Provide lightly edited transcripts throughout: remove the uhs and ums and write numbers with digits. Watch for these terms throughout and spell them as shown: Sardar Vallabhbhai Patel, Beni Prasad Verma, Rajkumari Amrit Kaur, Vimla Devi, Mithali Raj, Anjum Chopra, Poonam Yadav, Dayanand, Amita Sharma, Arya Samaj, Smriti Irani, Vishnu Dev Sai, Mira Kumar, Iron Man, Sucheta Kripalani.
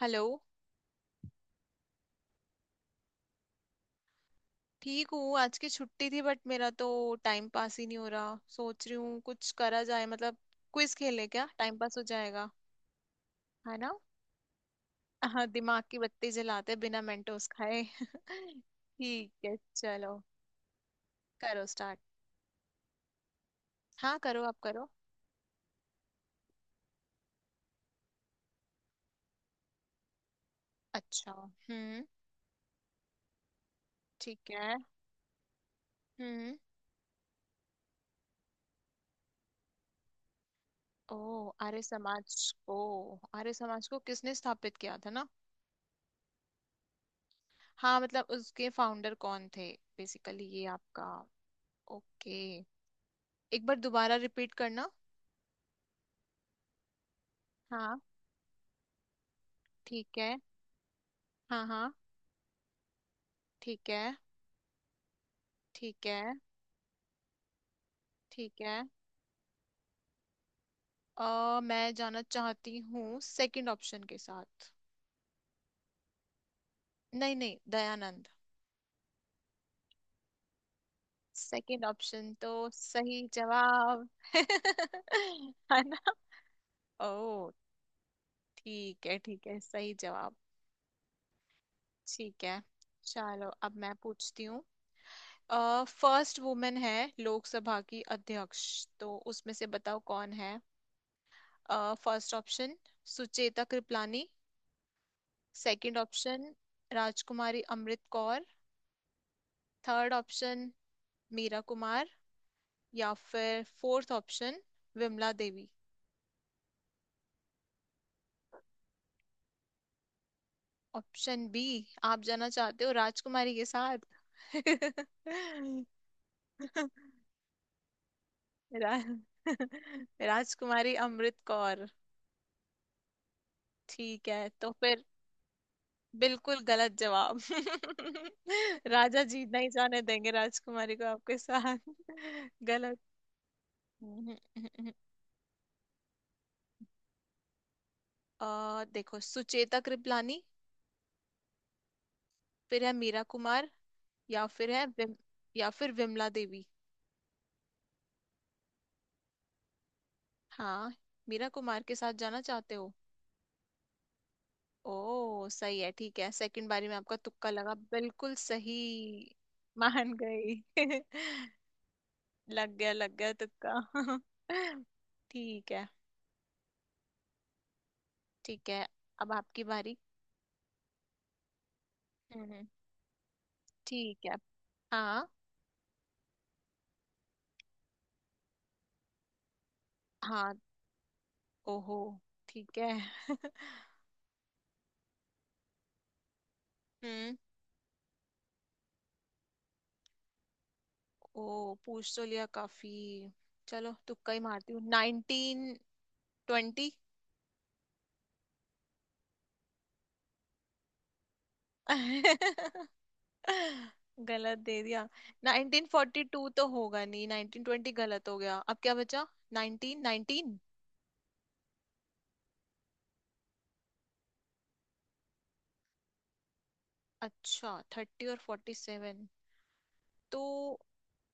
Hello. ठीक हूँ। आज की छुट्टी थी बट मेरा तो टाइम पास ही नहीं हो रहा। सोच रही हूँ कुछ करा जाए मतलब क्विज खेले क्या टाइम पास हो जाएगा। है ना। हाँ दिमाग की बत्ती जलाते बिना मेंटोस खाए ठीक है, चलो। करो स्टार्ट। हाँ करो, आप करो। अच्छा। हम्म। ठीक है। हम्म। ओ आर्य समाज। ओ आर्य समाज को किसने स्थापित किया था ना? हाँ मतलब उसके फाउंडर कौन थे, बेसिकली ये आपका। ओके। एक बार दोबारा रिपीट करना। हाँ ठीक है। हाँ हाँ। ठीक है। ठीक है। ठीक है। मैं जाना चाहती हूँ सेकंड ऑप्शन के साथ। नहीं नहीं, दयानंद। सेकंड ऑप्शन तो सही जवाब है ना। ओ। ठीक है, ठीक है, सही जवाब। ठीक है, चलो अब मैं पूछती हूँ। फर्स्ट वुमेन है लोकसभा की अध्यक्ष, तो उसमें से बताओ कौन है। First option, Sucheta Kripalani. Second option, Rajkumari Amrit Kaur. Third option, Meera Kumar. या फिर fourth option, Vimla Devi. Option B. आप जाना चाहते हो राजकुमारी के साथ? रा, राजकुमारी अमृत कौर। ठीक है तो फिर, बिल्कुल गलत जवाब राजा जी नहीं जाने देंगे राजकुमारी को आपके साथ गलत। देखो, सुचेता कृपलानी, फिर है मीरा कुमार, या फिर है या फिर विमला देवी। हाँ। मीरा कुमार के साथ जाना चाहते हो? ओ सही है, ठीक है, सेकंड बारी में आपका तुक्का लगा, बिल्कुल सही। मान गई लग गया तुक्का ठीक है। ठीक है। अब आपकी बारी। हम्म। ठीक है। हाँ। हाँ। ओहो। ठीक है। हम्म। ओ पूछ तो लिया काफी। चलो तुक्का ही मारती हूँ, 1920। गलत दे दिया। 1942 तो होगा नहीं, 1920 गलत हो गया, अब क्या बचा? Nineteen nineteen. अच्छा, 30 और 47। तो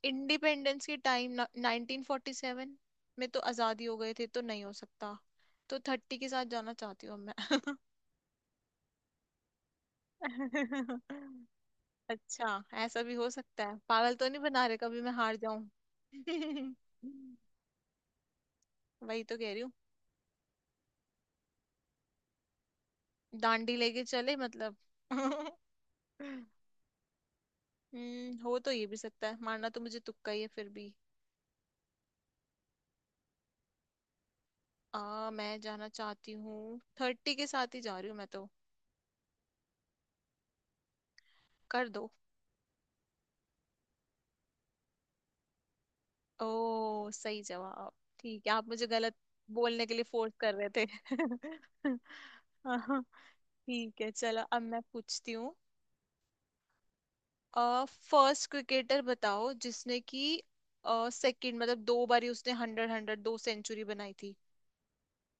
इंडिपेंडेंस के टाइम 1947 में तो आजादी हो गए थे, तो नहीं हो सकता। तो 30 के साथ जाना चाहती हूँ अब। मैं अच्छा, ऐसा भी हो सकता है। पागल तो नहीं बना रहे कभी, मैं हार जाऊं। वही तो कह रही हूँ। डांडी लेके चले मतलब। हम्म, हो तो ये भी सकता है, मारना तो मुझे तुक्का ही है फिर भी। आ मैं जाना चाहती हूँ, थर्टी के साथ ही जा रही हूँ मैं तो। कर दो। ओ सही जवाब। ठीक है, आप मुझे गलत बोलने के लिए फोर्स कर रहे थे हाँ, ठीक है, चलो अब मैं पूछती हूँ। फर्स्ट क्रिकेटर बताओ जिसने कि सेकंड मतलब दो बारी उसने हंड्रेड हंड्रेड दो सेंचुरी बनाई थी,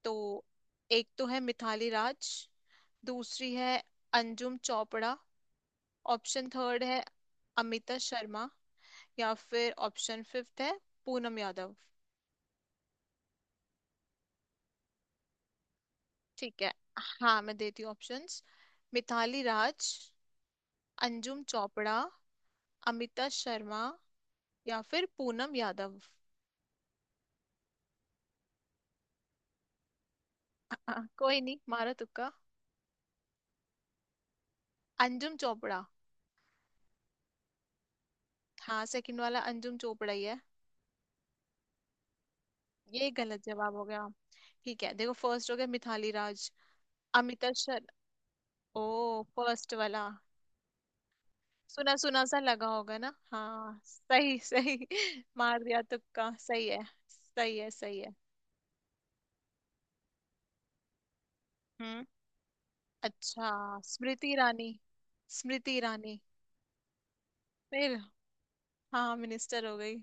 तो एक तो है मिथाली राज। दूसरी है अंजुम चोपड़ा। ऑप्शन थर्ड है अमिता शर्मा। या फिर ऑप्शन फिफ्थ है पूनम यादव। ठीक है, हाँ मैं देती हूँ ऑप्शंस। मिथाली राज, अंजुम चोपड़ा, अमिता शर्मा या फिर पूनम यादव। कोई नहीं मारा तुक्का? अंजुम चोपड़ा। हाँ, सेकंड वाला अंजुम चोपड़ा ही है। ये गलत जवाब हो गया। ठीक है देखो, फर्स्ट हो गया मिथाली राज, अमिता शर ओ, फर्स्ट वाला। सुना सुना सा लगा होगा ना, हाँ सही सही। मार दिया तुक्का, सही है। सही है, सही है। हम्म, अच्छा, स्मृति ईरानी। स्मृति ईरानी। फिर? हाँ, मिनिस्टर हो गई।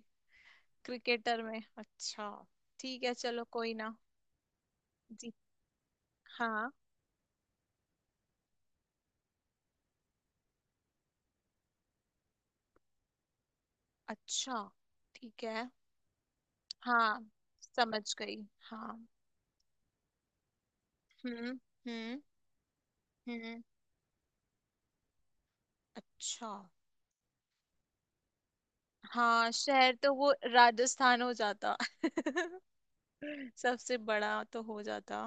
क्रिकेटर में, अच्छा। ठीक है, चलो कोई ना। जी। हाँ। अच्छा। ठीक है, हाँ समझ गई। हाँ। हम्म। हम्म। हम्म। अच्छा। हाँ, शहर तो वो राजस्थान हो जाता सबसे बड़ा तो हो जाता।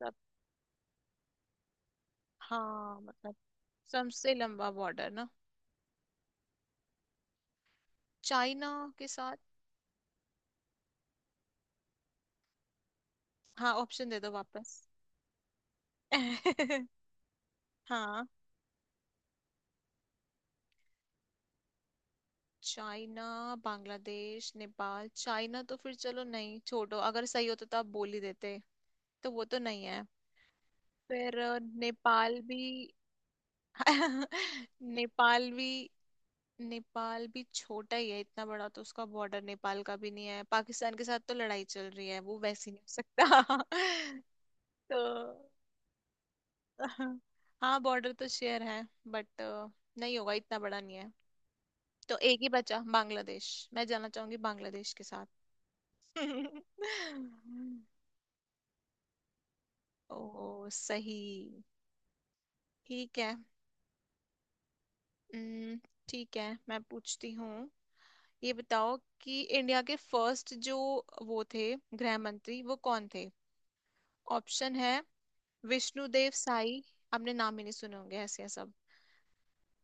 सब, हाँ मतलब सबसे लंबा बॉर्डर ना। चाइना के साथ। हाँ, ऑप्शन दे दो वापस। हाँ। चाइना, बांग्लादेश, नेपाल, चाइना तो फिर चलो नहीं, छोड़ो, अगर सही होता तो आप बोल ही देते। तो वो तो नहीं है। फिर नेपाल भी। नेपाल भी। नेपाल भी छोटा ही है, इतना बड़ा तो उसका बॉर्डर नेपाल का भी नहीं है। पाकिस्तान के साथ तो लड़ाई चल रही है, वो वैसी नहीं हो सकता। तो हाँ, बॉर्डर तो शेयर है बट नहीं होगा, इतना बड़ा नहीं है। तो एक ही बचा बांग्लादेश, मैं जाना चाहूंगी बांग्लादेश के साथ। ओ सही। ठीक है। हम्म, ठीक है, मैं पूछती हूँ। ये बताओ कि इंडिया के फर्स्ट जो वो थे गृह मंत्री, वो कौन थे? ऑप्शन है विष्णुदेव साई। आपने नाम ही नहीं सुने होंगे, ऐसे हैं सब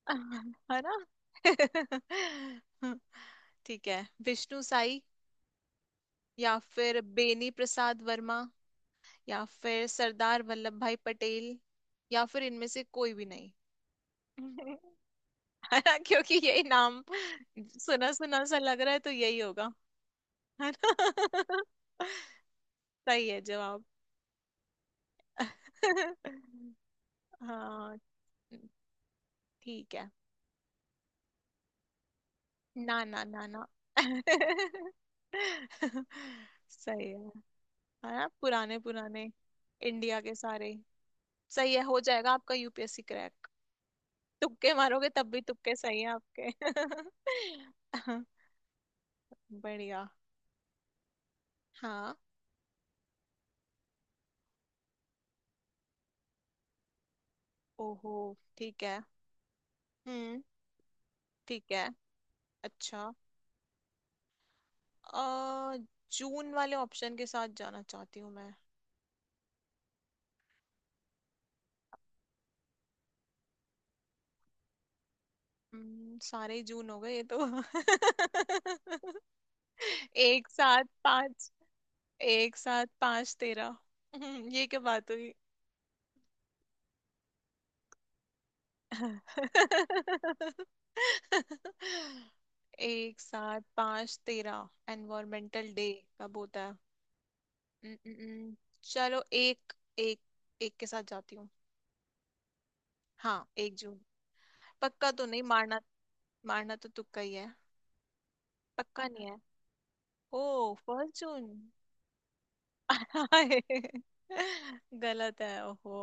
है ना ठीक है, विष्णु साई या फिर बेनी प्रसाद वर्मा या फिर सरदार वल्लभ भाई पटेल या फिर इनमें से कोई भी नहीं। है ना, क्योंकि यही नाम सुना सुना सा लग रहा है, तो यही होगा। है ना। सही है जवाब। हाँ। ठीक है। ना ना ना ना सही है। है ना, पुराने पुराने। इंडिया के सारे। सही है, हो जाएगा आपका यूपीएससी क्रैक। तुक्के मारोगे तब भी तुक्के सही है आपके। बढ़िया। हाँ। ओहो। ठीक है। हम्म। ठीक है। अच्छा। अ जून वाले ऑप्शन के साथ जाना चाहती हूँ मैं। सारे ही जून हो गए ये तो एक साथ पांच। एक साथ पांच 13। ये क्या बात हुई। एक साथ पांच तेरह एनवायरमेंटल डे कब होता है? हम्म, हम्म, हम्म, चलो एक, एक, एक के साथ जाती हूँ। हाँ, 1 जून। पक्का तो नहीं मारना, मारना तो तुक्का ही है, पक्का नहीं है। ओ, फर्स्ट जून हाय। गलत है ओहो।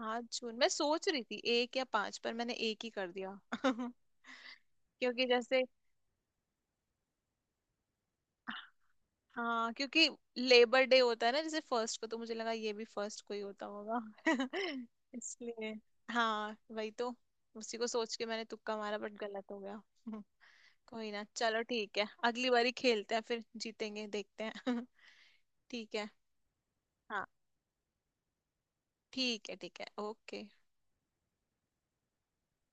हाँ जून, मैं सोच रही थी एक या पांच, पर मैंने एक ही कर दिया क्योंकि जैसे, हाँ क्योंकि लेबर डे होता है ना जैसे फर्स्ट को, तो मुझे लगा ये भी फर्स्ट को ही होता होगा इसलिए। हाँ वही तो, उसी को सोच के मैंने तुक्का मारा बट गलत हो गया कोई ना, चलो ठीक है, अगली बारी खेलते हैं फिर जीतेंगे देखते हैं ठीक है। हाँ ठीक है। ठीक है ओके।